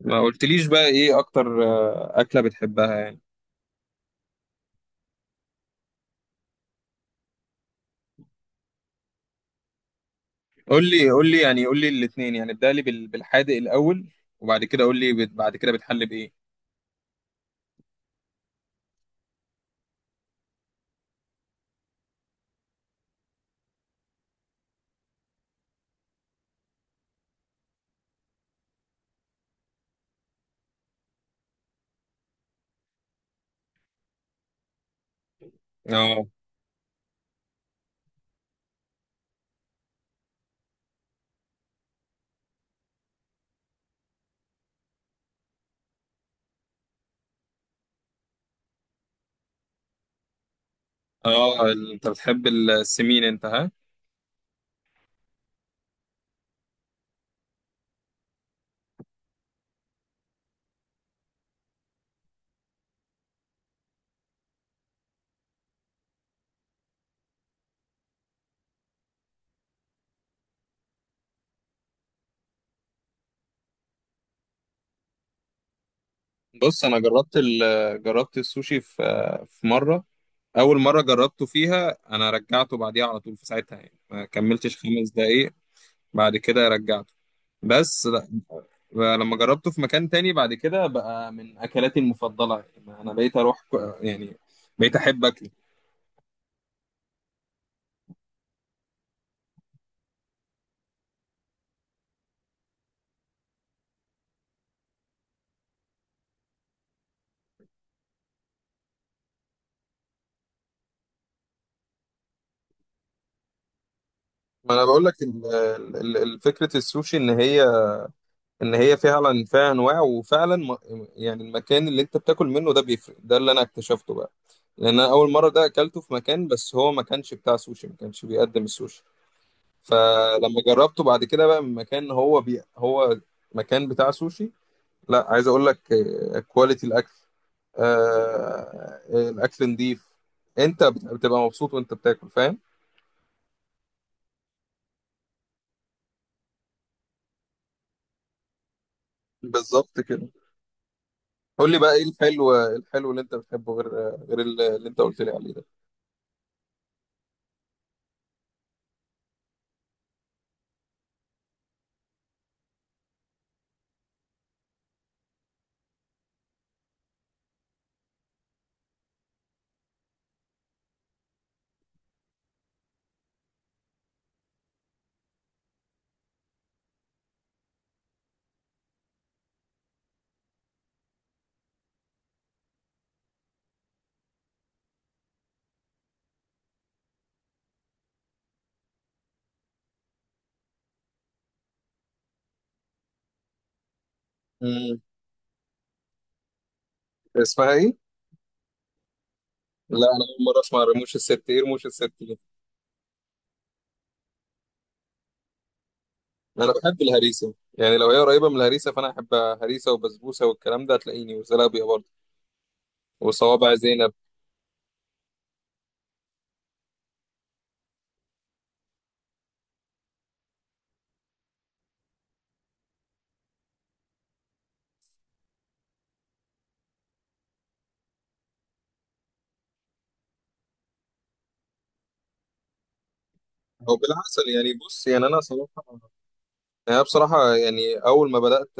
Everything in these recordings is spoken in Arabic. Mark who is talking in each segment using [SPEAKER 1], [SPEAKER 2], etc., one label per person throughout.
[SPEAKER 1] ما قلتليش بقى ايه اكتر، اكله بتحبها يعني. قول لي الاثنين، يعني ابدا لي بالحادق الاول. وبعد كده قول لي، بعد كده بتحل بايه؟ اه، اه، انت بتحب السمين انت، ها؟ بص، انا جربت السوشي في، في مره. اول مره جربته فيها، انا رجعته بعديها على طول، في ساعتها يعني ما كملتش 5 دقايق. بعد كده رجعته. بس لما جربته في مكان تاني بعد كده، بقى من اكلاتي المفضله، يعني انا بقيت اروح ك- يعني بقيت احب اكله. ما انا بقول لك، فكره السوشي ان هي، فعلا فيها انواع، يعني المكان اللي انت بتاكل منه ده بيفرق، ده اللي انا اكتشفته بقى. لان انا اول مره ده اكلته في مكان، بس هو ما كانش بتاع سوشي، ما كانش بيقدم السوشي. فلما جربته بعد كده بقى من مكان، هو مكان بتاع سوشي. لا، عايز اقول لك، كواليتي الاكل، آه، الاكل نضيف، انت بتبقى مبسوط وانت بتاكل، فاهم. بالظبط كده. قول لي بقى ايه الحلو؟ اللي انت بتحبه، غير اللي انت قلت لي عليه ده. امم. اسمها ايه؟ لا، انا اول مره اسمع رموش الست، ايه رموش الست دي؟ انا بحب الهريسه يعني، لو هي قريبه من الهريسه فانا احب هريسه وبسبوسه والكلام ده هتلاقيني، وزلابيه برضه، وصوابع زينب. او بالعسل يعني. بص، يعني انا صراحه يعني أنا بصراحه، يعني اول ما بدات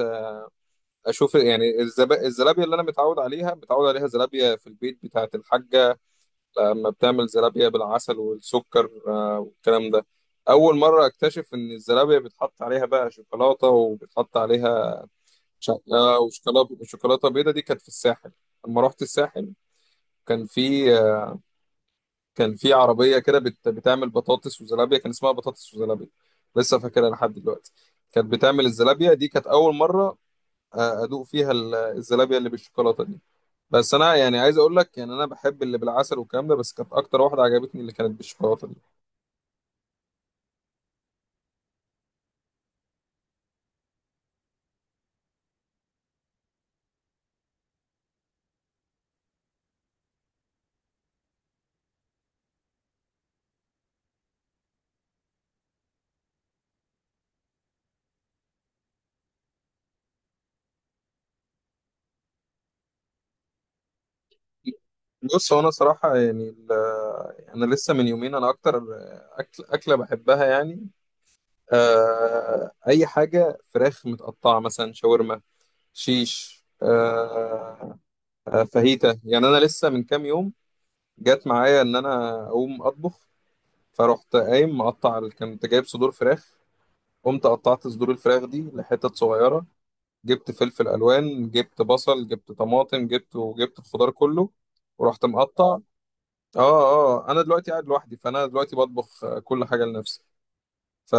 [SPEAKER 1] اشوف يعني، الزلابيه اللي انا متعود عليها، متعود عليها زلابيه في البيت بتاعه الحاجه، لما بتعمل زلابيه بالعسل والسكر، آه، والكلام ده. اول مره اكتشف ان الزلابيه بيتحط عليها بقى شوكولاته، وبيتحط عليها شقه وشوكولاته، بيضه. دي كانت في الساحل لما رحت الساحل. كان في كان في عربيه كده، بتعمل بطاطس وزلابيه، كان اسمها بطاطس وزلابيه، لسه فاكرها لحد دلوقتي. كانت بتعمل الزلابيه دي، كانت اول مره ادوق فيها الزلابيه اللي بالشوكولاته دي. بس انا يعني عايز اقول لك، يعني انا بحب اللي بالعسل والكلام ده، بس كانت اكتر واحده عجبتني اللي كانت بالشوكولاته دي. بص، هو انا صراحه يعني يعني انا لسه من يومين، انا اكتر اكله بحبها يعني، آه، اي حاجه فراخ متقطعه، مثلا شاورما، شيش، آه، فاهيتا. يعني انا لسه من كام يوم جات معايا ان انا اقوم اطبخ. فرحت قايم مقطع، كنت جايب صدور فراخ، قمت قطعت صدور الفراخ دي لحتت صغيره، جبت فلفل الوان، جبت بصل، جبت طماطم، وجبت الخضار كله، ورحت مقطع. اه، اه، انا دلوقتي قاعد لوحدي، فانا دلوقتي بطبخ، كل حاجه لنفسي. ف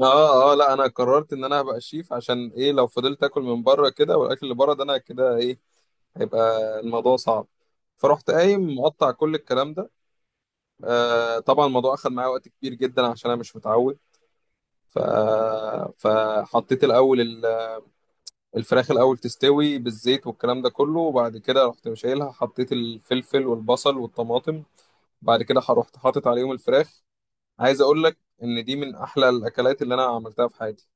[SPEAKER 1] اه، اه، لا، انا قررت ان انا هبقى شيف. عشان ايه؟ لو فضلت اكل من بره كده، والاكل اللي بره ده، انا كده ايه هيبقى؟ الموضوع صعب. فرحت قايم مقطع كل الكلام ده. آه، طبعا الموضوع اخد معايا وقت كبير جدا عشان انا مش متعود. ف... فحطيت الاول الفراخ، الاول تستوي بالزيت والكلام ده كله، وبعد كده رحت مشيلها، حطيت الفلفل والبصل والطماطم، بعد كده رحت حاطط عليهم الفراخ. عايز اقول لك ان دي من احلى الاكلات اللي انا عملتها في حياتي.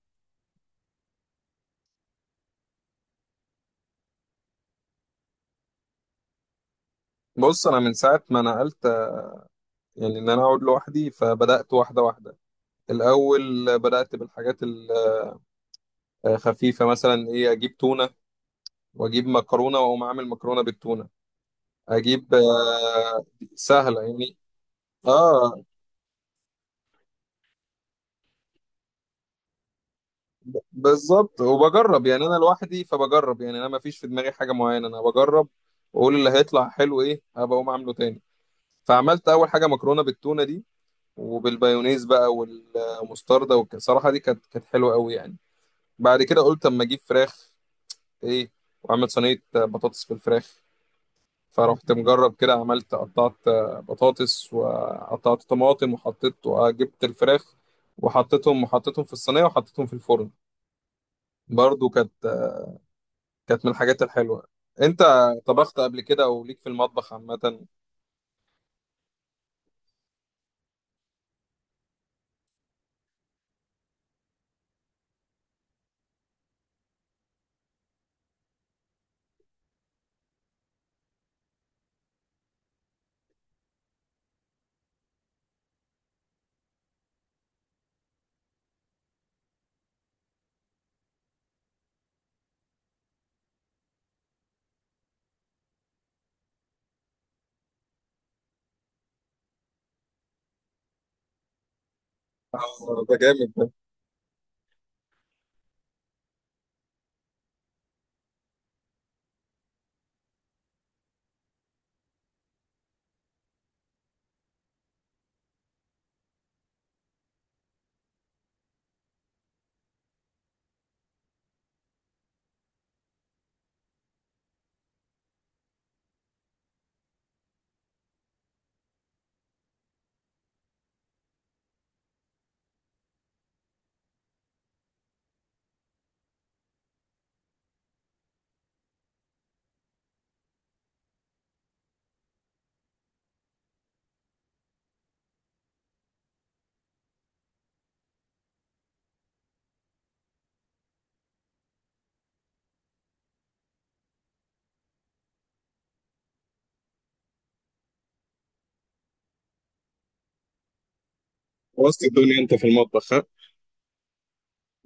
[SPEAKER 1] بص، انا من ساعه ما نقلت، يعني ان انا اقعد لوحدي، فبدات واحده واحده. الاول بدات بالحاجات الخفيفه، مثلا ايه، اجيب تونه واجيب مكرونه واقوم اعمل مكرونه بالتونه. اجيب، سهله يعني. اه، بالظبط، وبجرب يعني، انا لوحدي فبجرب، يعني انا ما فيش في دماغي حاجه معينه، انا بجرب واقول اللي هيطلع حلو ايه هبقى اقوم اعمله تاني. فعملت اول حاجه مكرونه بالتونه دي، وبالبايونيز بقى والمستردة، والصراحه دي كانت حلوه قوي يعني. بعد كده قلت اما اجيب فراخ ايه، واعمل صينيه بطاطس بالفراخ. فرحت مجرب كده، عملت، قطعت بطاطس وقطعت طماطم وحطيت وجبت الفراخ، وحطيتهم في الصينيه، وحطيتهم في الفرن. برضو كانت من الحاجات الحلوة. انت طبخت قبل كده او ليك في المطبخ عامة؟ ده جامد ده. بوظت الدنيا انت في المطبخ، ها؟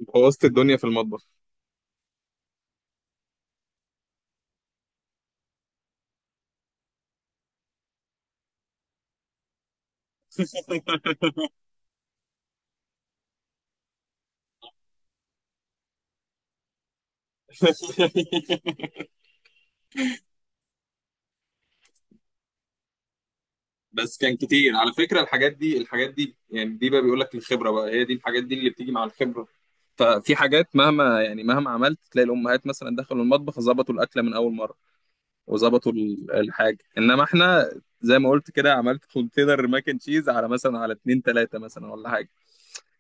[SPEAKER 1] بوظت الدنيا في المطبخ. بس كان كتير على فكرة. الحاجات دي، يعني دي بقى بيقول لك الخبرة بقى، هي دي الحاجات دي اللي بتيجي مع الخبرة. ففي حاجات، مهما عملت تلاقي الأمهات مثلا دخلوا المطبخ ظبطوا الأكلة من أول مرة، وظبطوا الحاجة، إنما إحنا زي ما قلت كده عملت كونتينر ماك اند تشيز على، مثلا على اتنين تلاتة، مثلا ولا حاجة.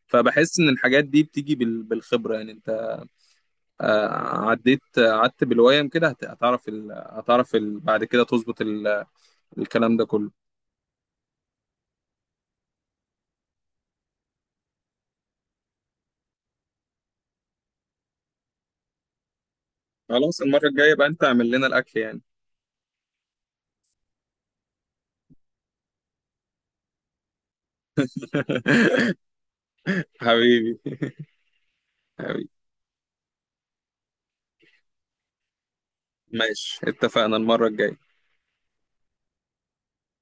[SPEAKER 1] فبحس ان الحاجات دي بتيجي بالخبره يعني. انت، آه، عديت، قعدت بالويم كده، بعد كده تظبط الكلام ده كله. خلاص، المره الجايه بقى انت اعمل لنا الاكل يعني. حبيبي. حبيبي. ماشي، اتفقنا المره الجايه.